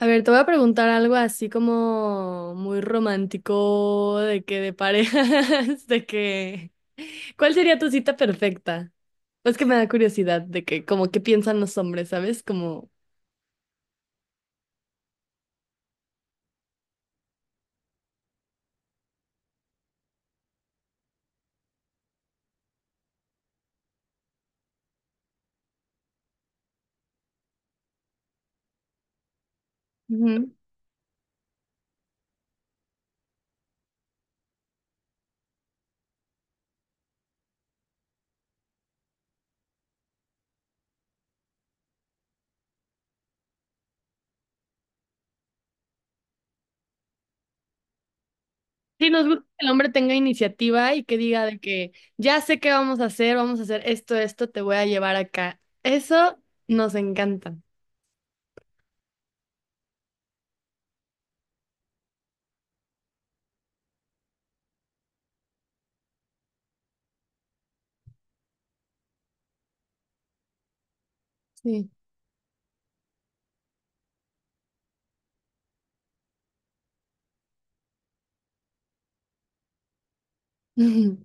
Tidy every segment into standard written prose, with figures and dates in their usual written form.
A ver, te voy a preguntar algo así como muy romántico, de parejas, ¿Cuál sería tu cita perfecta? Pues que me da curiosidad de que como qué piensan los hombres, ¿sabes? Como... Ujú. Sí, nos gusta que el hombre tenga iniciativa y que diga de que ya sé qué vamos a hacer esto, esto, te voy a llevar acá. Eso nos encanta. Sí. Ujú.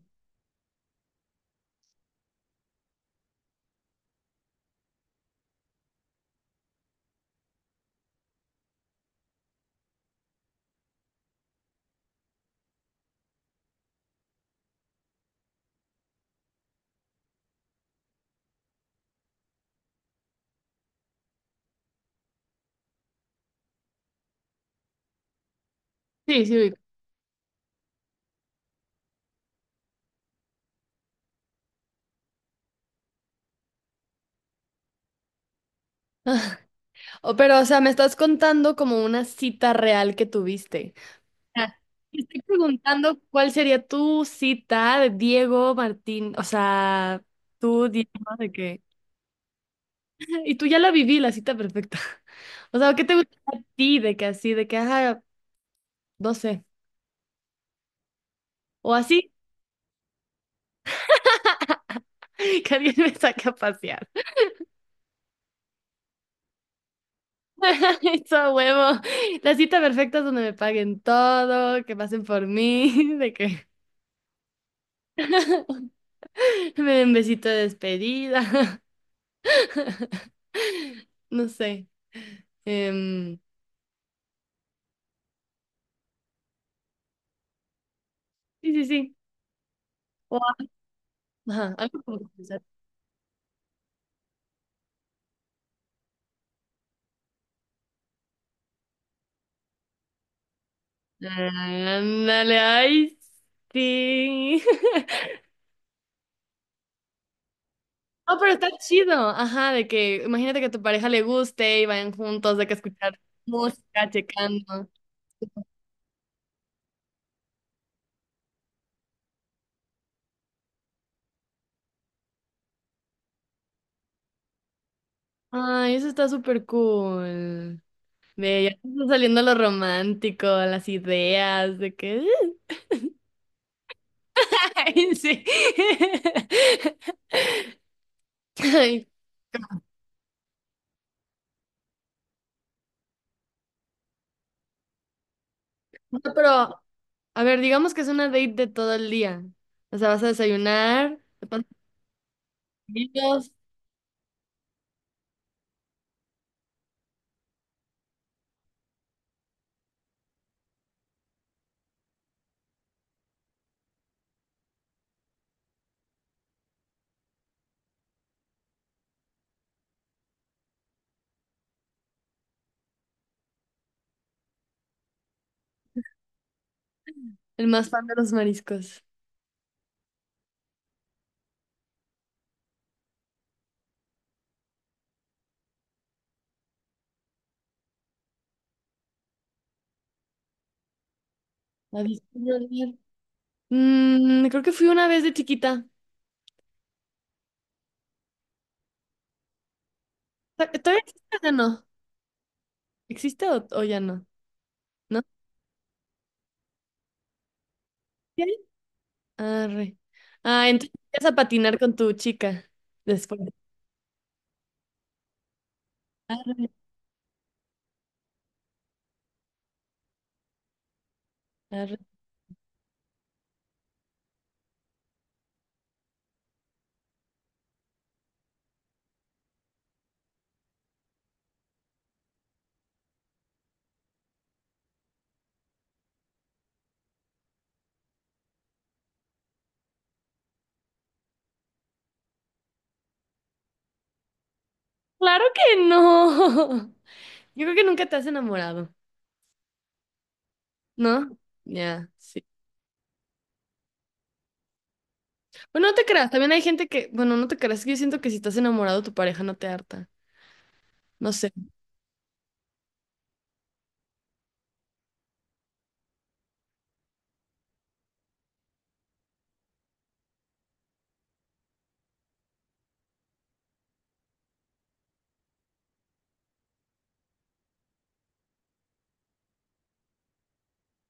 Sí, sí. Ubico. O, pero, o sea, me estás contando como una cita real que tuviste. Ah, estoy preguntando cuál sería tu cita de Diego Martín, o sea, tú, Diego, de que, y tú ya la viví, la cita perfecta. O sea, ¿qué te gusta a ti de que así, ajá, no sé, o así, que alguien me saque a pasear? Eso, a huevo. La cita perfecta es donde me paguen todo, que pasen por mí, de que me den besito de despedida, no sé. Em, sí, sí, sí. O, ajá, algo como que ándale, ay, sí. No, pero está chido. Ajá, de que imagínate que a tu pareja le guste y vayan juntos, de que escuchar música, checando. Ay, eso está súper cool. Ve, ya te está saliendo lo romántico, las ideas, de que. Ay, sí. Ay, no, pero, a ver, digamos que es una date de todo el día. O sea, vas a desayunar, te pones los el más fan de los mariscos. La viste llorar. Mm, creo que fui una vez de chiquita. Ta- ¿Todavía existe o ya no? ¿Existe o ya no? ¿No? ¿Sí hay? Arre. Ah, entonces vas a patinar con tu chica después. Arre, arre. Claro que no. Yo creo que nunca te has enamorado, ¿no? Ya, sí. Bueno, no te creas. También hay gente que, bueno, no te creas. Que Yo siento que si estás enamorado, tu pareja no te harta. No sé.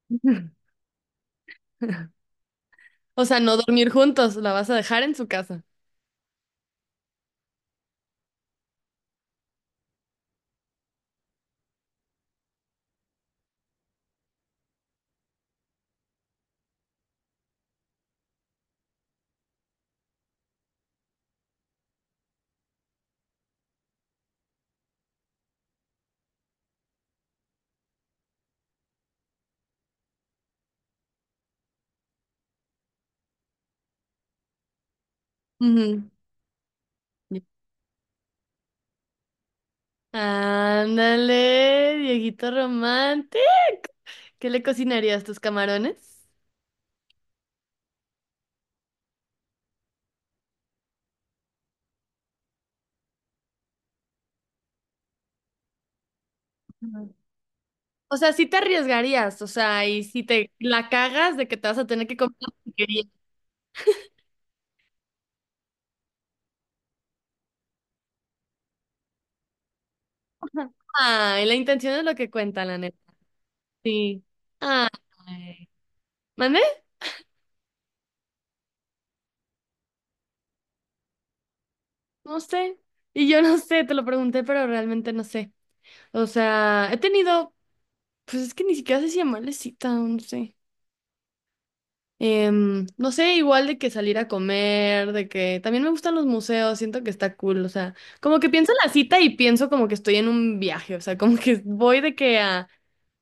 O sea, no dormir juntos, la vas a dejar en su casa. Ujú. Ándale, Dieguito Romante. ¿Qué le cocinarías tus camarones? Ujú. O sea, sí te arriesgarías, o sea, y si te la cagas de que te vas a tener que comer lo que querías. Ay, la intención es lo que cuenta, la neta. Sí. Ay. ¿Mandé? No sé. Y yo no sé, te lo pregunté, pero realmente no sé. O sea, he tenido, pues es que ni siquiera sé si llamarle cita, no sé. No sé, igual de que salir a comer, de que también me gustan los museos, siento que está cool, o sea, como que pienso en la cita y pienso como que estoy en un viaje, o sea, como que voy de que a,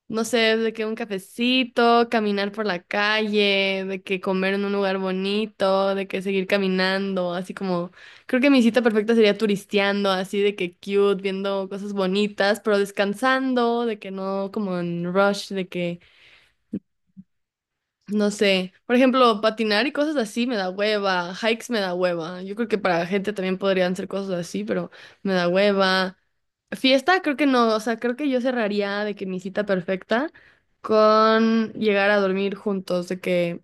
no sé, de que un cafecito, caminar por la calle, de que comer en un lugar bonito, de que seguir caminando, así como, creo que mi cita perfecta sería turisteando, así de que cute, viendo cosas bonitas, pero descansando, de que no como en rush, No sé, por ejemplo, patinar y cosas así me da hueva, hikes me da hueva. Yo creo que para gente también podrían ser cosas así, pero me da hueva. Fiesta, creo que no, o sea, creo que yo cerraría de que mi cita perfecta con llegar a dormir juntos, de que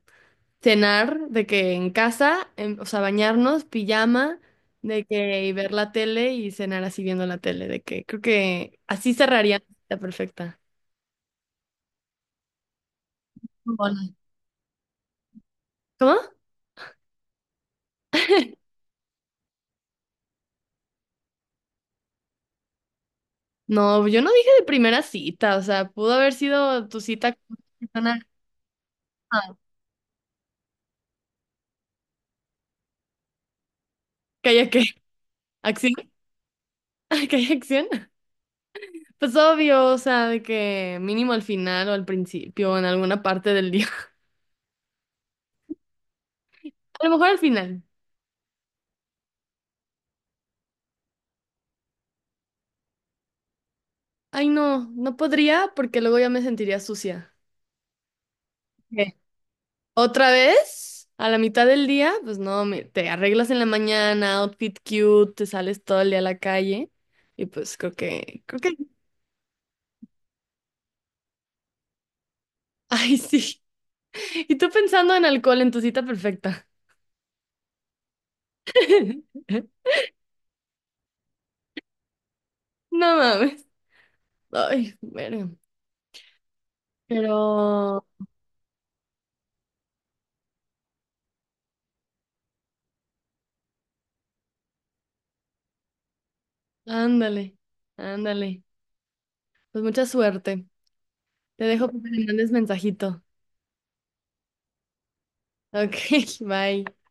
cenar, de que en casa, en- o sea, bañarnos, pijama, de que y ver la tele y cenar así viendo la tele, de que creo que así cerraría mi cita perfecta. Bueno. ¿Cómo? No, yo no dije de primera cita, o sea, pudo haber sido tu cita con una persona. Ah, ¿que haya qué? ¿Acción? ¿Que haya acción? Pues obvio, o sea, de que mínimo al final o al principio o en alguna parte del día. A lo mejor al final. Ay, no, no podría porque luego ya me sentiría sucia. ¿Qué? ¿Otra vez? A la mitad del día, pues no, me- te arreglas en la mañana, outfit cute, te sales todo el día a la calle y pues creo que, ay, sí. Y tú pensando en alcohol en tu cita perfecta. No mames. Ay, bueno. Pero, ándale, ándale. Pues mucha suerte. Te dejo para que me mandes mensajito. Ok, bye.